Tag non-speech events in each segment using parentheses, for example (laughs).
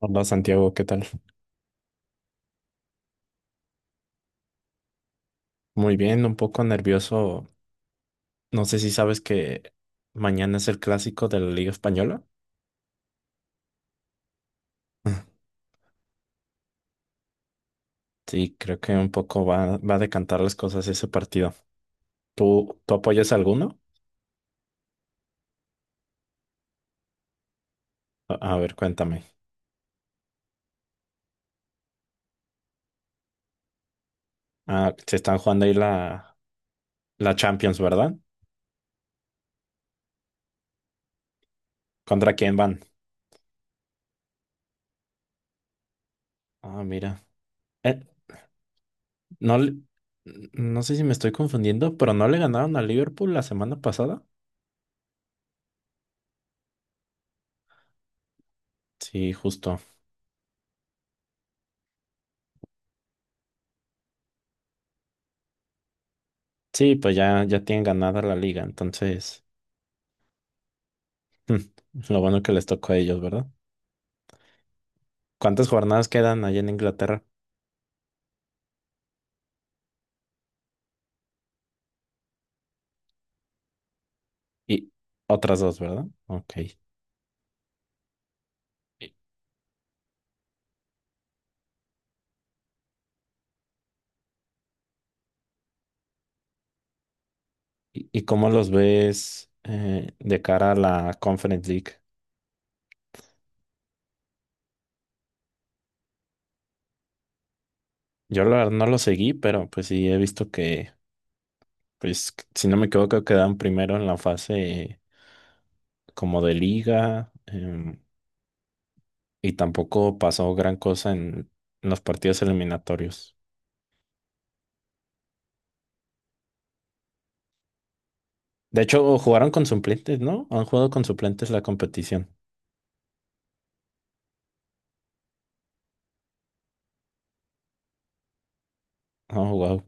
Hola Santiago, ¿qué tal? Muy bien, un poco nervioso. No sé si sabes que mañana es el clásico de la Liga Española. (laughs) Sí, creo que un poco va a decantar las cosas ese partido. ¿Tú apoyas a alguno? A ver, cuéntame. Ah, se están jugando ahí la Champions, ¿verdad? ¿Contra quién van? Ah, mira. Eh, no, no sé si me estoy confundiendo, pero ¿no le ganaron a Liverpool la semana pasada? Sí, justo. Sí, pues ya tienen ganada la liga, entonces. (laughs) Lo bueno que les tocó a ellos, ¿verdad? ¿Cuántas jornadas quedan allá en Inglaterra? Y otras dos, ¿verdad? Ok. ¿Y, y cómo los ves de cara a la Conference League? Yo la verdad no lo seguí, pero pues sí he visto que, pues si no me equivoco, quedaron primero en la fase como de liga, y tampoco pasó gran cosa en los partidos eliminatorios. De hecho, jugaron con suplentes, ¿no? Han jugado con suplentes la competición. Oh, wow.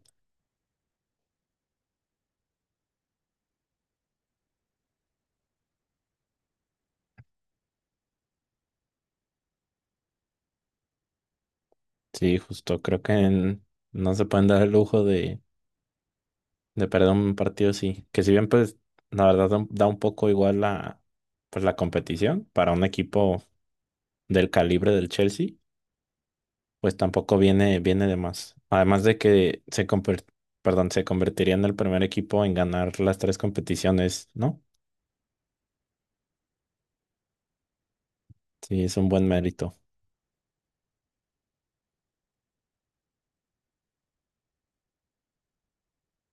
Sí, justo, creo que no se pueden dar el lujo de perder un partido así, que si bien pues la verdad da un poco igual la, pues, la competición para un equipo del calibre del Chelsea, pues tampoco viene de más. Además de que perdón, se convertiría en el primer equipo en ganar las tres competiciones, ¿no? Sí, es un buen mérito.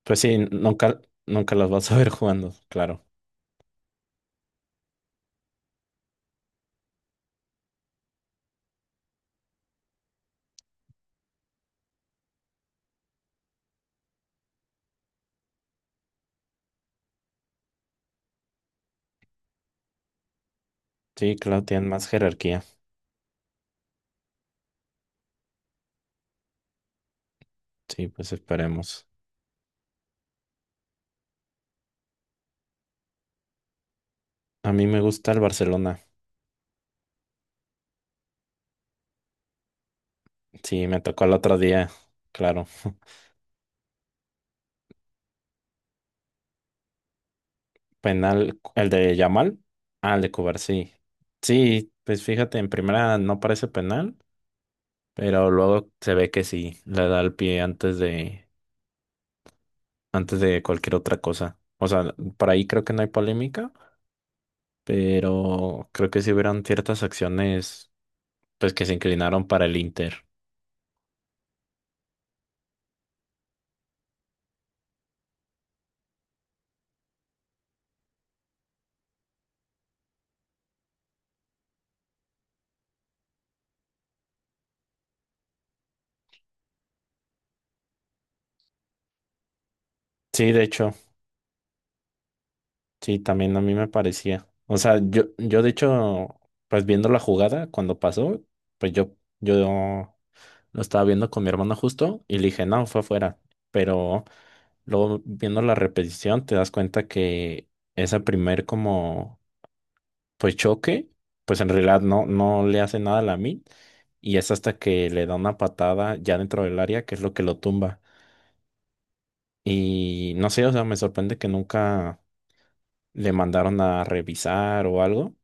Pues sí, nunca, nunca los vas a ver (laughs) jugando, claro. Sí, claro, tienen más jerarquía. Sí, pues esperemos. A mí me gusta el Barcelona. Sí, me tocó el otro día, claro. (laughs) Penal, el de Yamal. Ah, el de Cubarsí. Sí, sí, pues fíjate, en primera no parece penal, pero luego se ve que sí, le da el pie antes de cualquier otra cosa. O sea, por ahí creo que no hay polémica, pero creo que sí hubieron ciertas acciones, pues que se inclinaron para el Inter. Sí, de hecho, sí, también a mí me parecía. O sea, yo de hecho, pues viendo la jugada cuando pasó, pues yo lo estaba viendo con mi hermano justo y le dije, no, fue afuera. Pero luego viendo la repetición te das cuenta que esa primer como pues choque, pues en realidad no le hace nada a la mid y es hasta que le da una patada ya dentro del área que es lo que lo tumba. Y no sé, o sea, me sorprende que nunca le mandaron a revisar o algo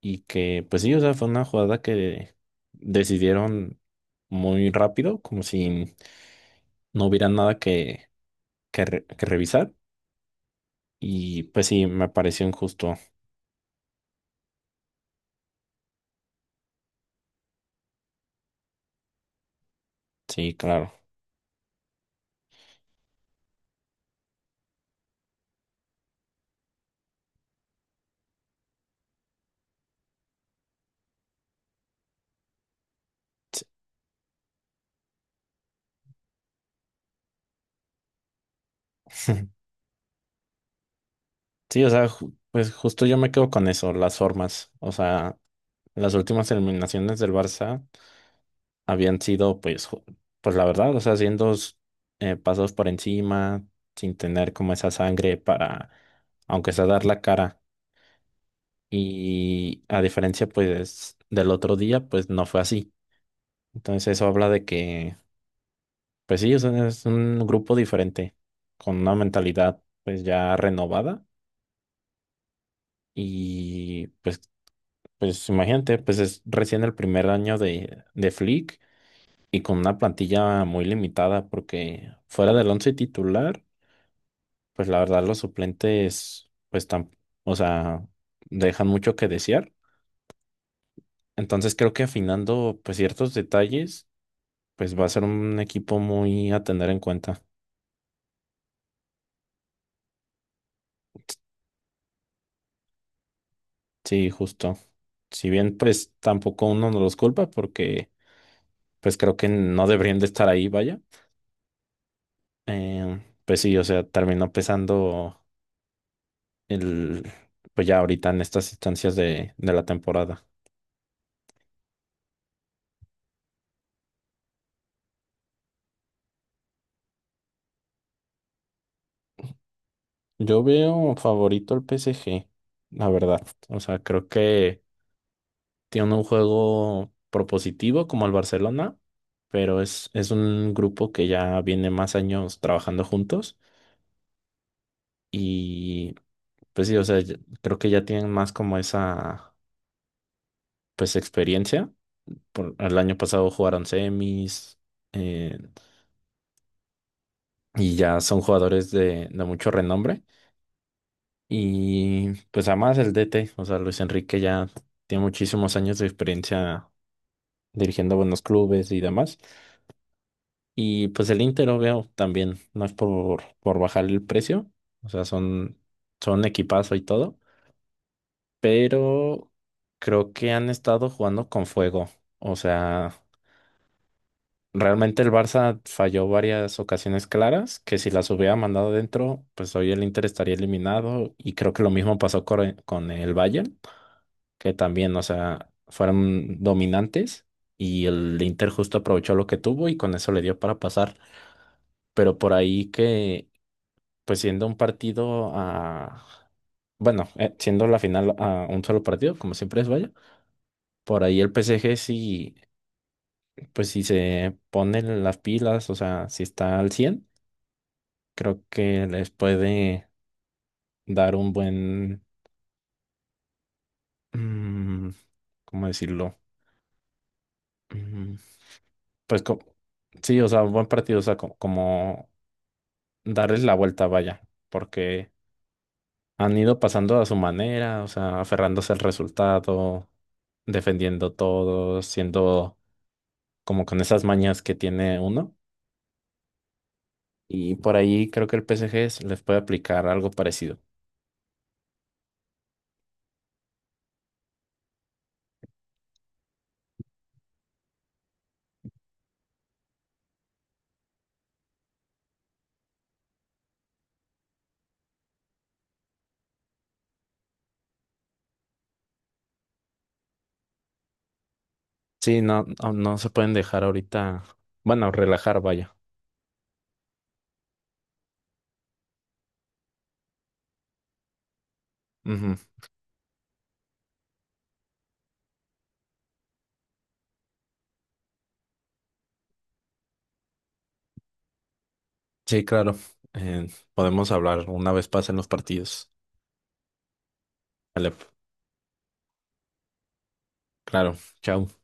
y que pues sí, o sea, fue una jugada que decidieron muy rápido, como si no hubiera nada que que revisar. Y pues sí, me pareció injusto. Sí, claro. Sí. (laughs) Sí, o sea, pues justo yo me quedo con eso, las formas. O sea, las últimas eliminaciones del Barça habían sido, pues, pues la verdad, o sea, haciendo pasos por encima, sin tener como esa sangre para, aunque sea dar la cara. Y a diferencia, pues, del otro día, pues no fue así. Entonces eso habla de que pues sí, es un, grupo diferente, con una mentalidad pues ya renovada y pues imagínate, pues es recién el primer año de Flick y con una plantilla muy limitada porque fuera del once titular, pues la verdad los suplentes pues tan, o sea, dejan mucho que desear. Entonces creo que afinando pues ciertos detalles, pues va a ser un equipo muy a tener en cuenta. Sí, justo. Si bien, pues tampoco uno no los culpa porque, pues creo que no deberían de estar ahí, vaya. Pues sí, o sea, terminó pesando el, pues ya ahorita en estas instancias de la temporada. Yo veo favorito al PSG, la verdad. O sea, creo que tiene un juego propositivo como el Barcelona, pero es un grupo que ya viene más años trabajando juntos y pues sí, o sea, creo que ya tienen más como esa, pues, experiencia. Por, el año pasado jugaron semis eh, y ya son jugadores de mucho renombre. Y pues además el DT, o sea, Luis Enrique ya tiene muchísimos años de experiencia dirigiendo buenos clubes y demás. Y pues el Inter, obvio, también no es por bajar el precio, o sea, son equipazo y todo, pero creo que han estado jugando con fuego, o sea... Realmente el Barça falló varias ocasiones claras que si las hubiera mandado dentro, pues hoy el Inter estaría eliminado y creo que lo mismo pasó con, con el Bayern, que también, o sea, fueron dominantes y el Inter justo aprovechó lo que tuvo y con eso le dio para pasar. Pero por ahí que, pues siendo un partido a, bueno, siendo la final a un solo partido, como siempre es, vaya, por ahí el PSG sí, pues si se pone las pilas, o sea, si está al 100 creo que les puede dar un buen, mm, ¿cómo decirlo? Mm, Pues sí, o sea, un buen partido, o sea, como, darles la vuelta, vaya, porque han ido pasando a su manera, o sea, aferrándose al resultado, defendiendo todo, siendo como con esas mañas que tiene uno. Y por ahí creo que el PSG les puede aplicar algo parecido. Sí, no, no, no se pueden dejar ahorita, bueno, relajar, vaya. Ujú. Sí, claro. Eh, Podemos hablar una vez pasen los partidos. Vale, claro. Chao.